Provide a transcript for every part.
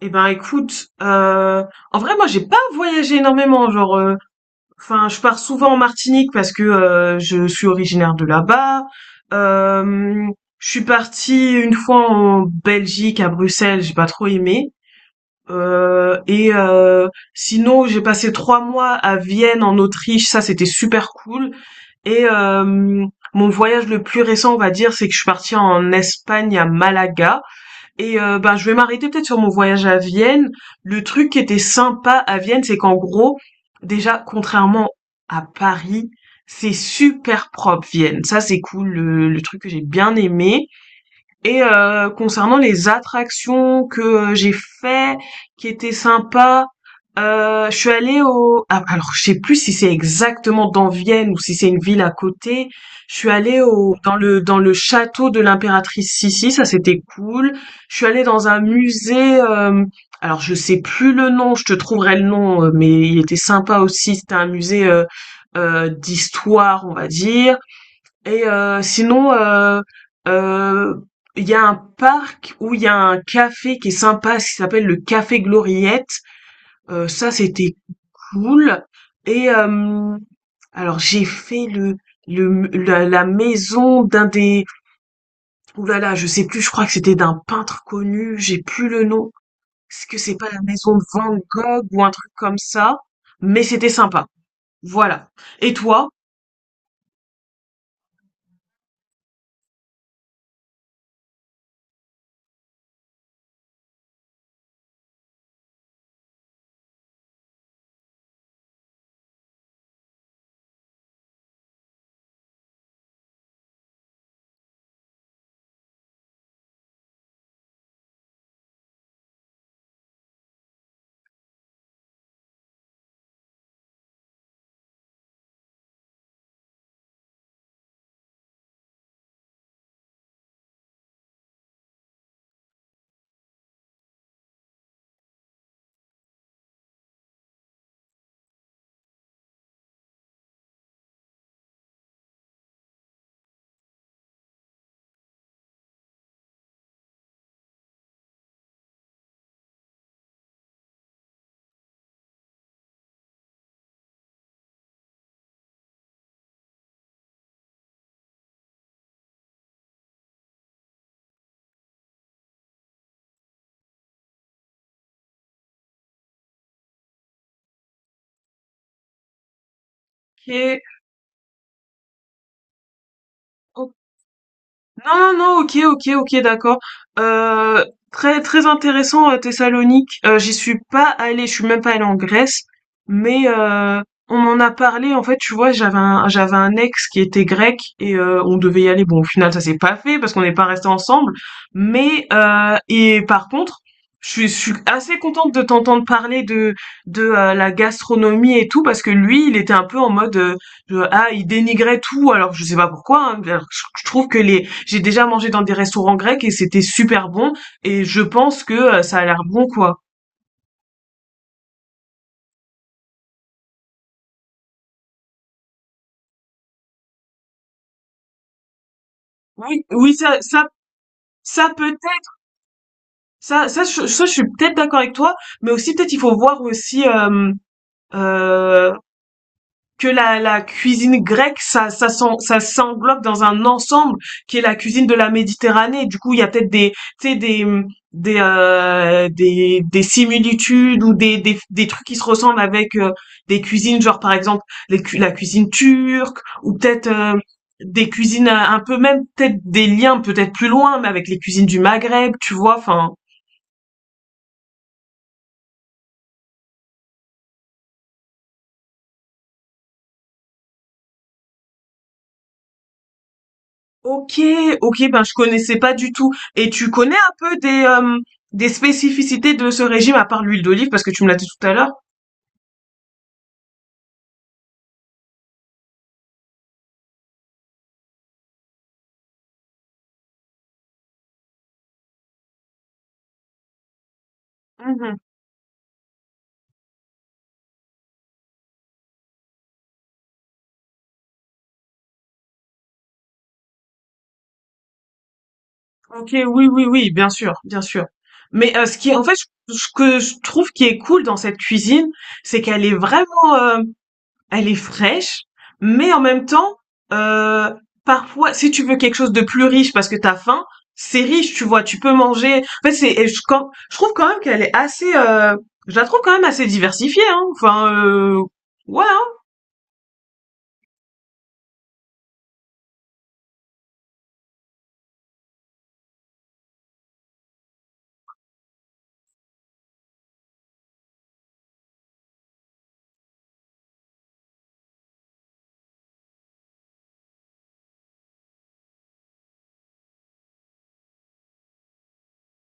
Et ben écoute, en vrai moi j'ai pas voyagé énormément, genre, enfin je pars souvent en Martinique parce que je suis originaire de là-bas. Euh, je suis partie une fois en Belgique à Bruxelles, j'ai pas trop aimé. Et sinon j'ai passé 3 mois à Vienne en Autriche, ça c'était super cool. Et mon voyage le plus récent on va dire c'est que je suis partie en Espagne à Malaga. Et ben, je vais m'arrêter peut-être sur mon voyage à Vienne. Le truc qui était sympa à Vienne, c'est qu'en gros, déjà, contrairement à Paris, c'est super propre Vienne. Ça, c'est cool, le truc que j'ai bien aimé. Et concernant les attractions que, j'ai fait, qui étaient sympas, je suis allée au a alors je sais plus si c'est exactement dans Vienne ou si c'est une ville à côté. Je suis allée au dans le château de l'impératrice Sissi, ça c'était cool. Je suis allée dans un musée, alors je sais plus le nom, je te trouverai le nom, mais il était sympa aussi. C'était un musée, d'histoire, on va dire. Et sinon, euh, il y a un parc où il y a un café qui est sympa, qui s'appelle le Café Gloriette. Ça, c'était cool. Et alors, j'ai fait la maison d'un des... Ouh là là, je sais plus, je crois que c'était d'un peintre connu, j'ai plus le nom. Est-ce que c'est pas la maison de Van Gogh ou un truc comme ça? Mais c'était sympa. Voilà. Et toi? Ok. Non, non, non, ok, ok, ok, d'accord. Euh, Très, très intéressant, Thessalonique. J'y suis pas allée, je suis même pas allée en Grèce, mais on m'en a parlé. En fait, tu vois, j'avais un ex qui était grec et on devait y aller. Bon, au final, ça s'est pas fait parce qu'on n'est pas resté ensemble. Mais et par contre, je suis assez contente de t'entendre parler de la gastronomie et tout parce que lui, il était un peu en mode ah, il dénigrait tout. Alors, je sais pas pourquoi, hein, alors que je trouve que les j'ai déjà mangé dans des restaurants grecs et c'était super bon et je pense que ça a l'air bon quoi. Oui, oui, ça peut-être, ça, ça, je suis peut-être d'accord avec toi, mais aussi peut-être il faut voir aussi euh, que la cuisine grecque, ça s'englobe dans un ensemble qui est la cuisine de la Méditerranée. Du coup, il y a peut-être tu sais, des similitudes ou des trucs qui se ressemblent avec des cuisines, genre par exemple les la cuisine turque ou peut-être des cuisines un peu même peut-être des liens peut-être plus loin, mais avec les cuisines du Maghreb, tu vois. Enfin, OK, OK, ben je connaissais pas du tout. Et tu connais un peu des spécificités de ce régime à part l'huile d'olive parce que tu me l'as dit tout à l'heure? Mhm. Ok, oui, oui, oui, bien sûr, bien sûr. Mais ce qui, en fait, ce que je trouve qui est cool dans cette cuisine, c'est qu'elle est vraiment, elle est fraîche, mais en même temps, euh, parfois, si tu veux quelque chose de plus riche parce que t'as faim, c'est riche, tu vois, tu peux manger. En fait, c'est, et je, je trouve quand même qu'elle est assez, je la trouve quand même assez diversifiée, hein. Enfin, ouais, hein.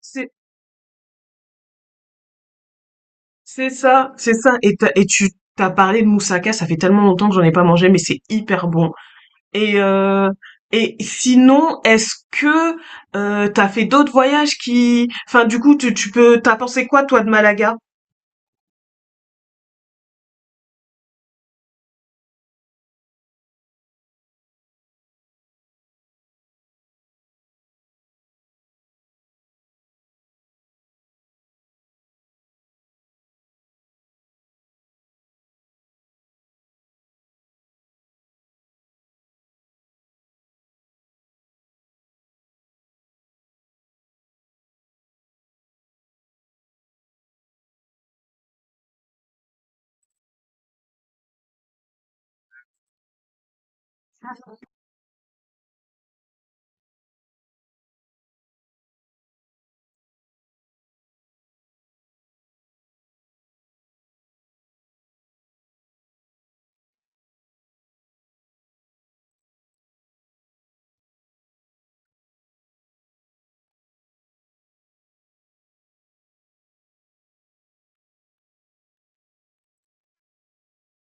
c'est, c'est ça, c'est ça. Et, t'as- et tu t'as parlé de moussaka, ça fait tellement longtemps que j'en ai pas mangé, mais c'est hyper bon. Et euh, et sinon, est-ce que t'as fait d'autres voyages qui, enfin, du coup, t'as pensé quoi toi de Malaga?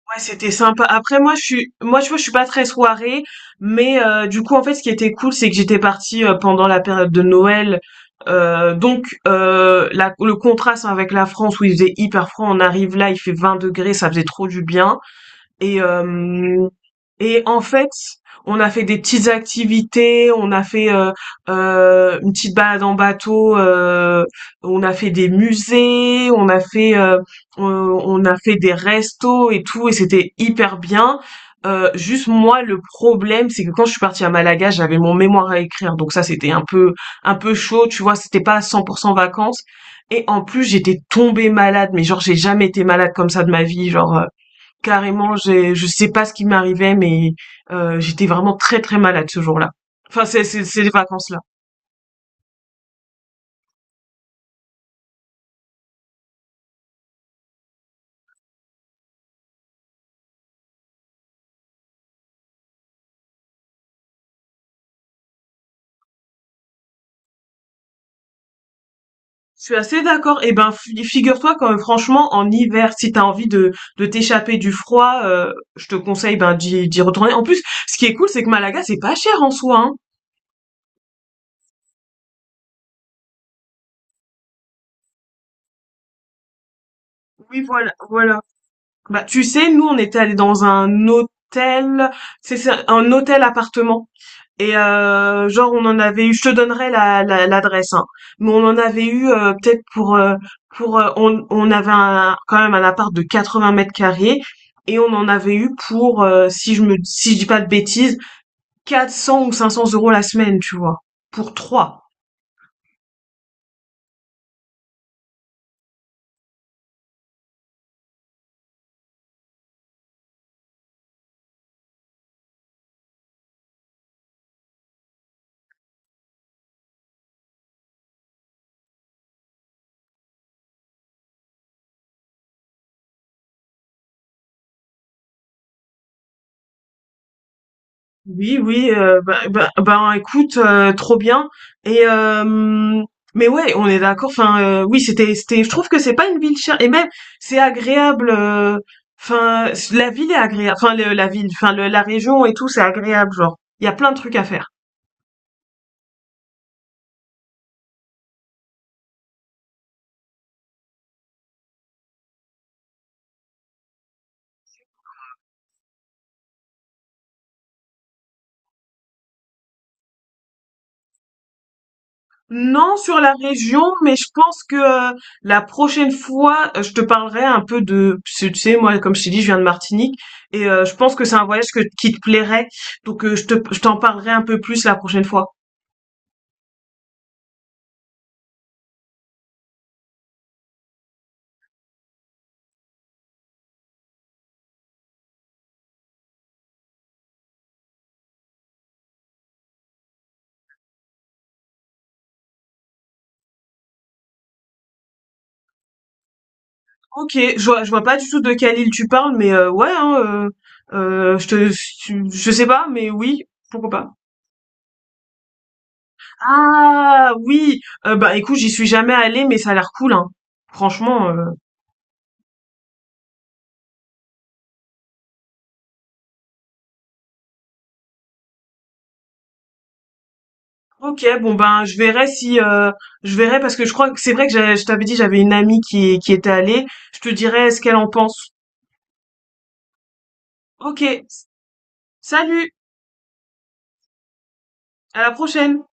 Ouais, c'était sympa. Après moi tu vois, je suis pas très soirée, mais du coup en fait ce qui était cool, c'est que j'étais partie, pendant la période de Noël, donc la le contraste avec la France où il faisait hyper froid, on arrive là, il fait 20 degrés, ça faisait trop du bien. Et euh, et en fait, on a fait des petites activités, on a fait une petite balade en bateau, on a fait des musées, on a fait on a fait des restos et tout, et c'était hyper bien. Juste moi, le problème, c'est que quand je suis partie à Malaga, j'avais mon mémoire à écrire, donc ça c'était un peu chaud, tu vois, c'était pas 100% vacances. Et en plus, j'étais tombée malade, mais genre j'ai jamais été malade comme ça de ma vie, genre carrément, j'ai je sais pas ce qui m'arrivait, mais j'étais vraiment très, très malade ce jour-là. Enfin, c'est les vacances-là. Je suis assez d'accord et ben, fi figure-toi que franchement en hiver, si t'as envie de t'échapper du froid, je te conseille, ben, d'y retourner. En plus, ce qui est cool, c'est que Malaga, c'est pas cher en soi, hein. Oui, voilà, voilà. Bah, tu sais, nous, on était allés dans un hôtel, c'est un hôtel appartement. Et genre, on en avait eu, je te donnerai l'adresse, hein. Mais on en avait eu peut-être on avait quand même un appart de 80 m² mètres carrés et on en avait eu pour si je dis pas de bêtises 400 ou 500 € la semaine, tu vois, pour trois. Oui, oui, ben, écoute, trop bien et mais ouais, on est d'accord, enfin, oui, c'était c'était je trouve que c'est pas une ville chère et même c'est agréable, enfin, la ville est agréable, enfin le la ville, enfin le la région et tout, c'est agréable, genre. Il y a plein de trucs à faire. Non, sur la région, mais je pense que la prochaine fois, je te parlerai un peu de, tu sais, moi, comme je t'ai dit, je viens de Martinique, et je pense que c'est un voyage que, qui te plairait, donc je t'en parlerai un peu plus la prochaine fois. Ok, je vois pas du tout de quelle île tu parles, mais ouais, hein, euh, je te, je sais pas, mais oui, pourquoi pas. Ah oui, bah écoute, j'y suis jamais allée, mais ça a l'air cool, hein. Franchement. Ok, bon ben je verrai si je verrai parce que je crois que c'est vrai que je t'avais dit j'avais une amie qui était allée. Je te dirai ce qu'elle en pense. Ok, salut, à la prochaine.